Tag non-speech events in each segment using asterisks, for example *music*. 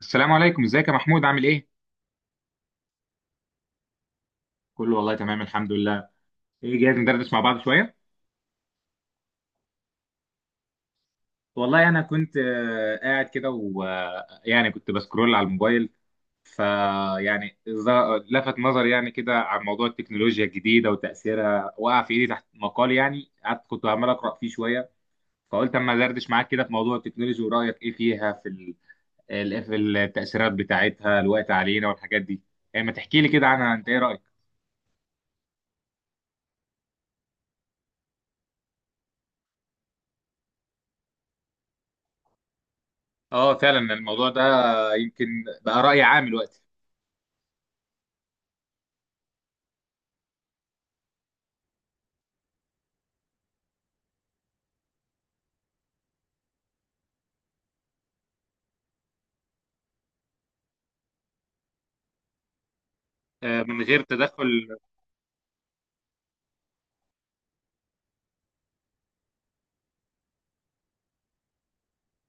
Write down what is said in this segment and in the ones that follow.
السلام عليكم، ازيك يا محمود؟ عامل ايه؟ كله والله تمام، الحمد لله. ايه، جاهز ندردش مع بعض شوية؟ والله انا كنت قاعد كده، ويعني كنت بسكرول على الموبايل. فيعني لفت نظري يعني كده عن موضوع التكنولوجيا الجديدة وتأثيرها. وقع في ايدي تحت مقال، يعني قعدت كنت عمال أقرأ فيه شوية. فقلت اما ادردش معاك كده في موضوع التكنولوجيا ورأيك ايه فيها في في التأثيرات بتاعتها الوقت علينا والحاجات دي. يعني ما تحكي لي كده عنها، انت ايه رأيك؟ اه فعلا، الموضوع ده يمكن بقى رأي عام دلوقتي. من غير تدخل.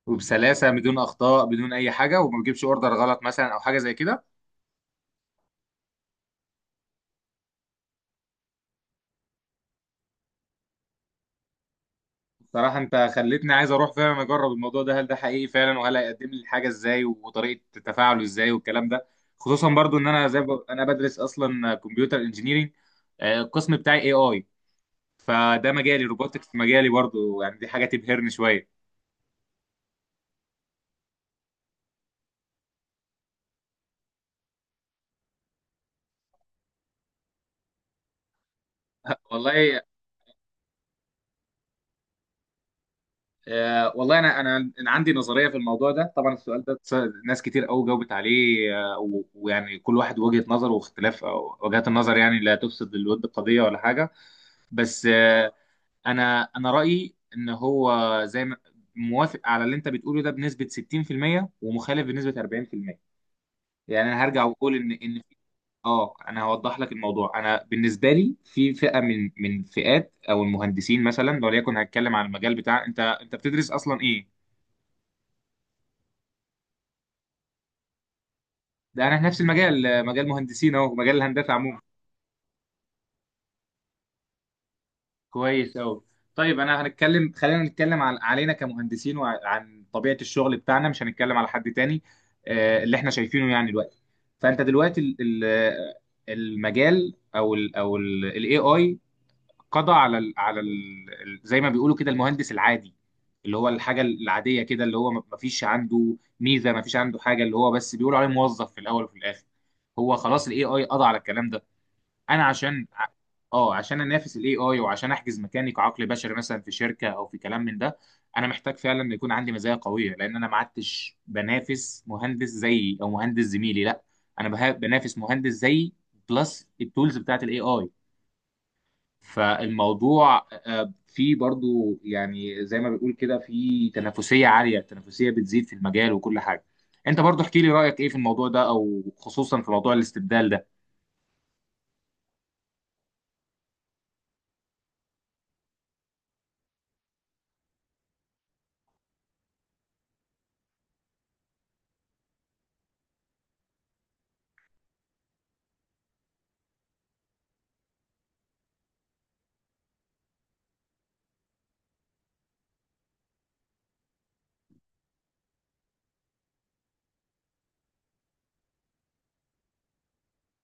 وبسلاسة، بدون أخطاء، بدون أي حاجة، وما بجيبش أوردر غلط مثلا أو حاجة زي كده. بصراحة أنت خلتني عايز أروح فعلا أجرب الموضوع ده، هل ده حقيقي فعلا؟ وهل هيقدم لي الحاجة إزاي، وطريقة تفاعله إزاي، والكلام ده. خصوصا برضو إن أنا زي أنا بدرس أصلا كمبيوتر انجينيرينج. القسم بتاعي اي اي. فده مجالي، روبوتكس مجالي برضو، يعني دي حاجة تبهرني شوية. *laughs* والله. والله انا انا أنا عندي نظريه في الموضوع ده. طبعا السؤال ده ناس كتير قوي جاوبت عليه، ويعني كل واحد وجهه نظر، واختلاف أو وجهات النظر يعني لا تفسد للود قضيه ولا حاجه. بس آه. انا رايي ان هو، زي ما موافق على اللي انت بتقوله ده بنسبه 60% ومخالف بنسبه 40%. يعني انا هرجع واقول ان في. اه، انا هوضح لك الموضوع. انا بالنسبه لي في فئه من فئات او المهندسين، مثلا لو ليكن هتكلم عن المجال بتاع، انت بتدرس اصلا ايه؟ ده انا في نفس المجال، مجال مهندسين، اهو مجال الهندسه عموما. كويس قوي. طيب انا هنتكلم خلينا نتكلم عن علينا كمهندسين وعن طبيعه الشغل بتاعنا، مش هنتكلم على حد تاني. اللي احنا شايفينه يعني دلوقتي. فانت دلوقتي المجال او ال الاي اي قضى على ال، على ال زي ما بيقولوا كده المهندس العادي. اللي هو الحاجه العاديه كده، اللي هو ما فيش عنده ميزه، ما فيش عنده حاجه، اللي هو بس بيقولوا عليه موظف في الاول وفي الاخر. هو خلاص الاي اي قضى على الكلام ده. انا عشان، اه، عشان انافس الاي اي وعشان احجز مكاني كعقل بشري مثلا في شركه او في كلام من ده، انا محتاج فعلا إن يكون عندي مزايا قويه، لان انا ما عدتش بنافس مهندس زيي او مهندس زميلي، لا. انا بنافس مهندس زيي بلس التولز بتاعت الاي اي. فالموضوع فيه برضو يعني زي ما بيقول كده في تنافسيه عاليه، التنافسيه بتزيد في المجال وكل حاجه. انت برضو احكي لي رايك ايه في الموضوع ده، او خصوصا في موضوع الاستبدال ده.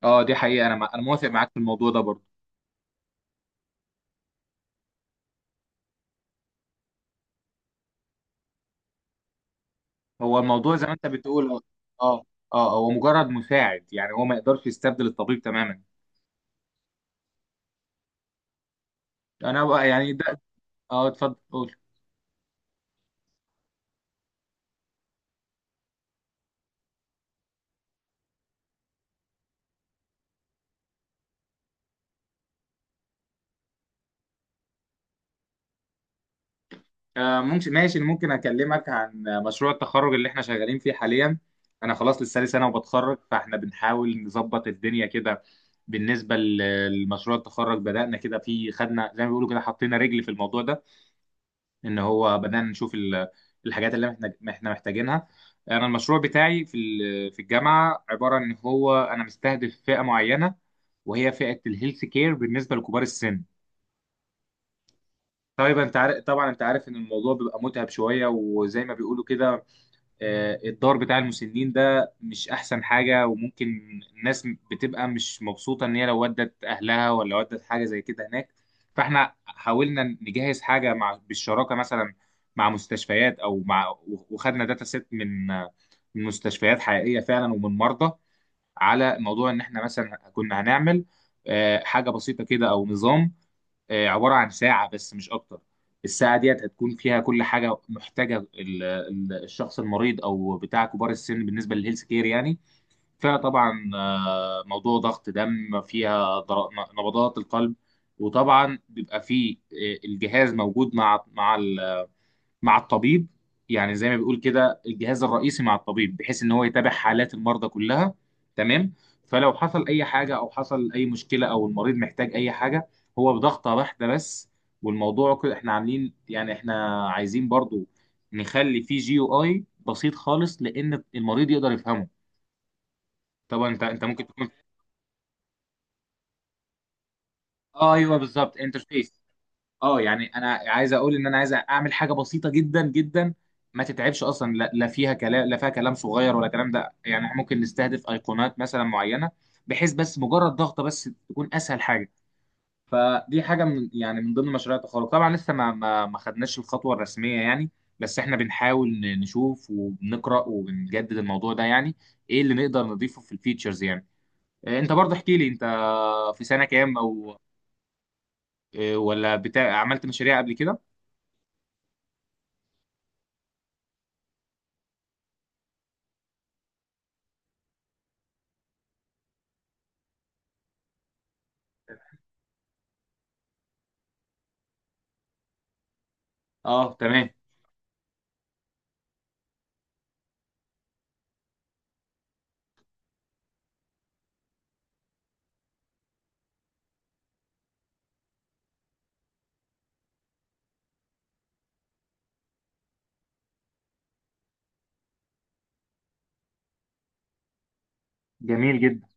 اه، دي حقيقه، انا انا موافق معاك في الموضوع ده برضو. هو الموضوع زي ما انت بتقول، اه. اه، هو مجرد مساعد، يعني هو ما يقدرش يستبدل الطبيب تماما. انا بقى يعني ده، اه اتفضل قول. آه ممكن، ماشي، ممكن اكلمك عن مشروع التخرج اللي احنا شغالين فيه حاليا. انا خلاص لسه لي سنه وبتخرج، فاحنا بنحاول نظبط الدنيا كده. بالنسبه لمشروع التخرج، بدانا كده فيه، خدنا زي ما بيقولوا كده، حطينا رجل في الموضوع ده. ان هو بدانا نشوف الحاجات اللي احنا محتاجينها. انا المشروع بتاعي في ال، في الجامعه، عباره ان هو انا مستهدف فئه معينه، وهي فئه الهيلث كير بالنسبه لكبار السن. طيب انت عارف طبعا، انت عارف ان الموضوع بيبقى متعب شويه، وزي ما بيقولوا كده، الدار بتاع المسنين ده مش احسن حاجة، وممكن الناس بتبقى مش مبسوطة ان هي لو ودت اهلها ولا ودت حاجة زي كده هناك. فاحنا حاولنا نجهز حاجة بالشراكة مثلا مع مستشفيات او مع، وخدنا داتا سيت من، من مستشفيات حقيقية فعلا ومن مرضى. على موضوع ان احنا مثلا كنا هنعمل حاجة بسيطة كده، او نظام، عبارة عن ساعة بس مش أكتر. الساعة ديت هتكون فيها كل حاجة محتاجة الشخص المريض أو بتاع كبار السن بالنسبة للهيلث كير يعني. فيها طبعا موضوع ضغط دم، فيها نبضات القلب. وطبعا بيبقى فيه الجهاز موجود مع، مع الطبيب، يعني زي ما بيقول كده الجهاز الرئيسي مع الطبيب، بحيث ان هو يتابع حالات المرضى كلها. تمام. فلو حصل اي حاجه او حصل اي مشكله او المريض محتاج اي حاجه، هو بضغطه واحده بس. والموضوع كده احنا عاملين، يعني احنا عايزين برضو نخلي فيه جي يو اي بسيط خالص، لان المريض يقدر يفهمه. طبعا انت ممكن تكون. اه ايوه بالظبط انترفيس. اه يعني انا عايز اقول ان انا عايز اعمل حاجه بسيطه جدا جدا، ما تتعبش اصلا. لا لا فيها كلام، لا فيها كلام صغير ولا كلام ده، يعني إحنا ممكن نستهدف ايقونات مثلا معينه، بحيث بس مجرد ضغطه بس تكون اسهل حاجه. فدي حاجه من يعني من ضمن مشاريع التخرج. طبعا لسه ما خدناش الخطوه الرسميه يعني، بس احنا بنحاول نشوف وبنقرا وبنجدد الموضوع ده يعني، ايه اللي نقدر نضيفه في الفيتشرز يعني. انت برضه احكي لي، انت في سنه كام او، ولا بتاع عملت مشاريع قبل كده؟ اه تمام، جميل جدا.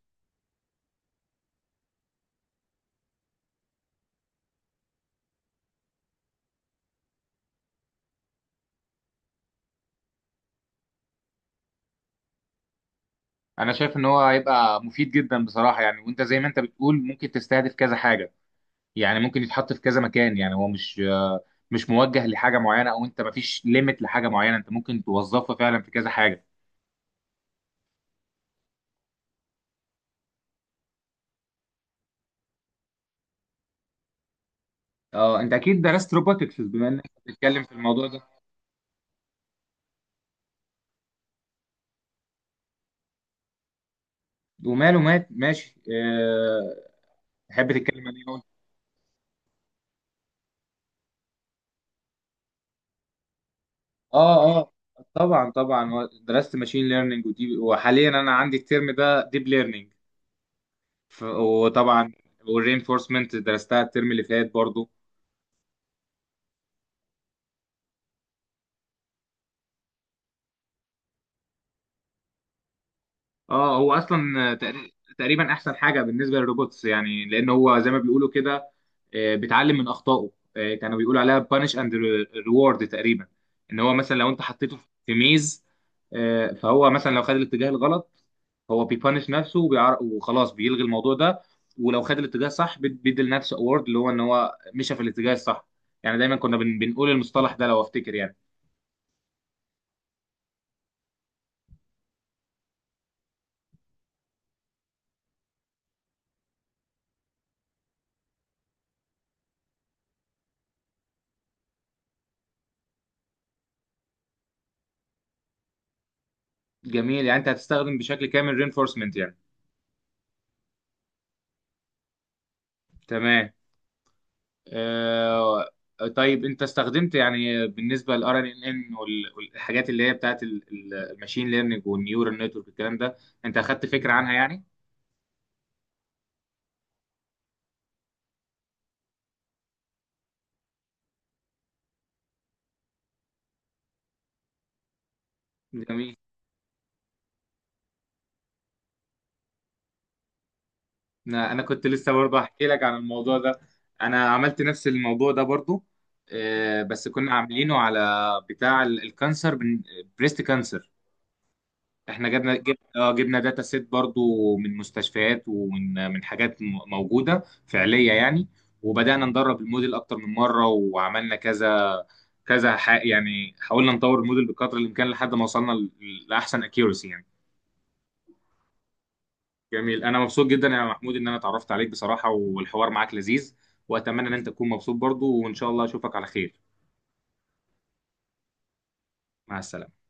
انا شايف ان هو هيبقى مفيد جدا بصراحه، يعني وانت زي ما انت بتقول ممكن تستهدف كذا حاجه. يعني ممكن يتحط في كذا مكان، يعني هو مش، مش موجه لحاجه معينه، او انت مفيش ليميت لحاجه معينه، انت ممكن توظفه فعلا في كذا حاجه. اه انت اكيد درست روبوتكس بما انك بتتكلم في الموضوع ده. وماله، مات ماشي آه، تحب تتكلم عن ايه أول؟ اه اه، طبعا طبعا درست ماشين ليرنينج ودي، وحاليا انا عندي الترم ده ديب ليرنينج. وطبعا والرينفورسمنت درستها الترم اللي فات برضو. اه هو اصلا تقريبا احسن حاجه بالنسبه للروبوتس يعني، لان هو زي ما بيقولوا كده بيتعلم من اخطائه. كانوا بيقولوا عليها بانش اند ريورد تقريبا. ان هو مثلا لو انت حطيته في ميز، فهو مثلا لو خد الاتجاه الغلط، هو بيبانش نفسه وخلاص بيلغي الموضوع ده. ولو خد الاتجاه الصح بيدي لنفسه اوورد، اللي هو ان هو مشى في الاتجاه الصح. يعني دايما كنا بنقول المصطلح ده لو افتكر يعني. جميل، يعني انت هتستخدم بشكل كامل رينفورسمنت يعني. تمام. آه طيب انت استخدمت يعني، بالنسبه للار ان ان، والحاجات اللي هي بتاعت الماشين ليرنينج والنيورال نتورك الكلام ده، انت اخدت فكره عنها يعني. جميل. انا كنت لسه برضه احكي لك عن الموضوع ده، انا عملت نفس الموضوع ده برضه. آه بس كنا عاملينه على بتاع الكانسر، بريست كانسر. احنا جبنا داتا سيت برضو من مستشفيات ومن حاجات موجوده فعليه يعني. وبدانا ندرب الموديل اكتر من مره، وعملنا كذا يعني حاولنا نطور الموديل بقدر الامكان لحد ما وصلنا لاحسن اكيورسي يعني. جميل، انا مبسوط جدا يا محمود ان انا اتعرفت عليك بصراحه، والحوار معاك لذيذ. واتمنى ان انت تكون مبسوط برضو، وان شاء الله اشوفك على خير. مع السلامه.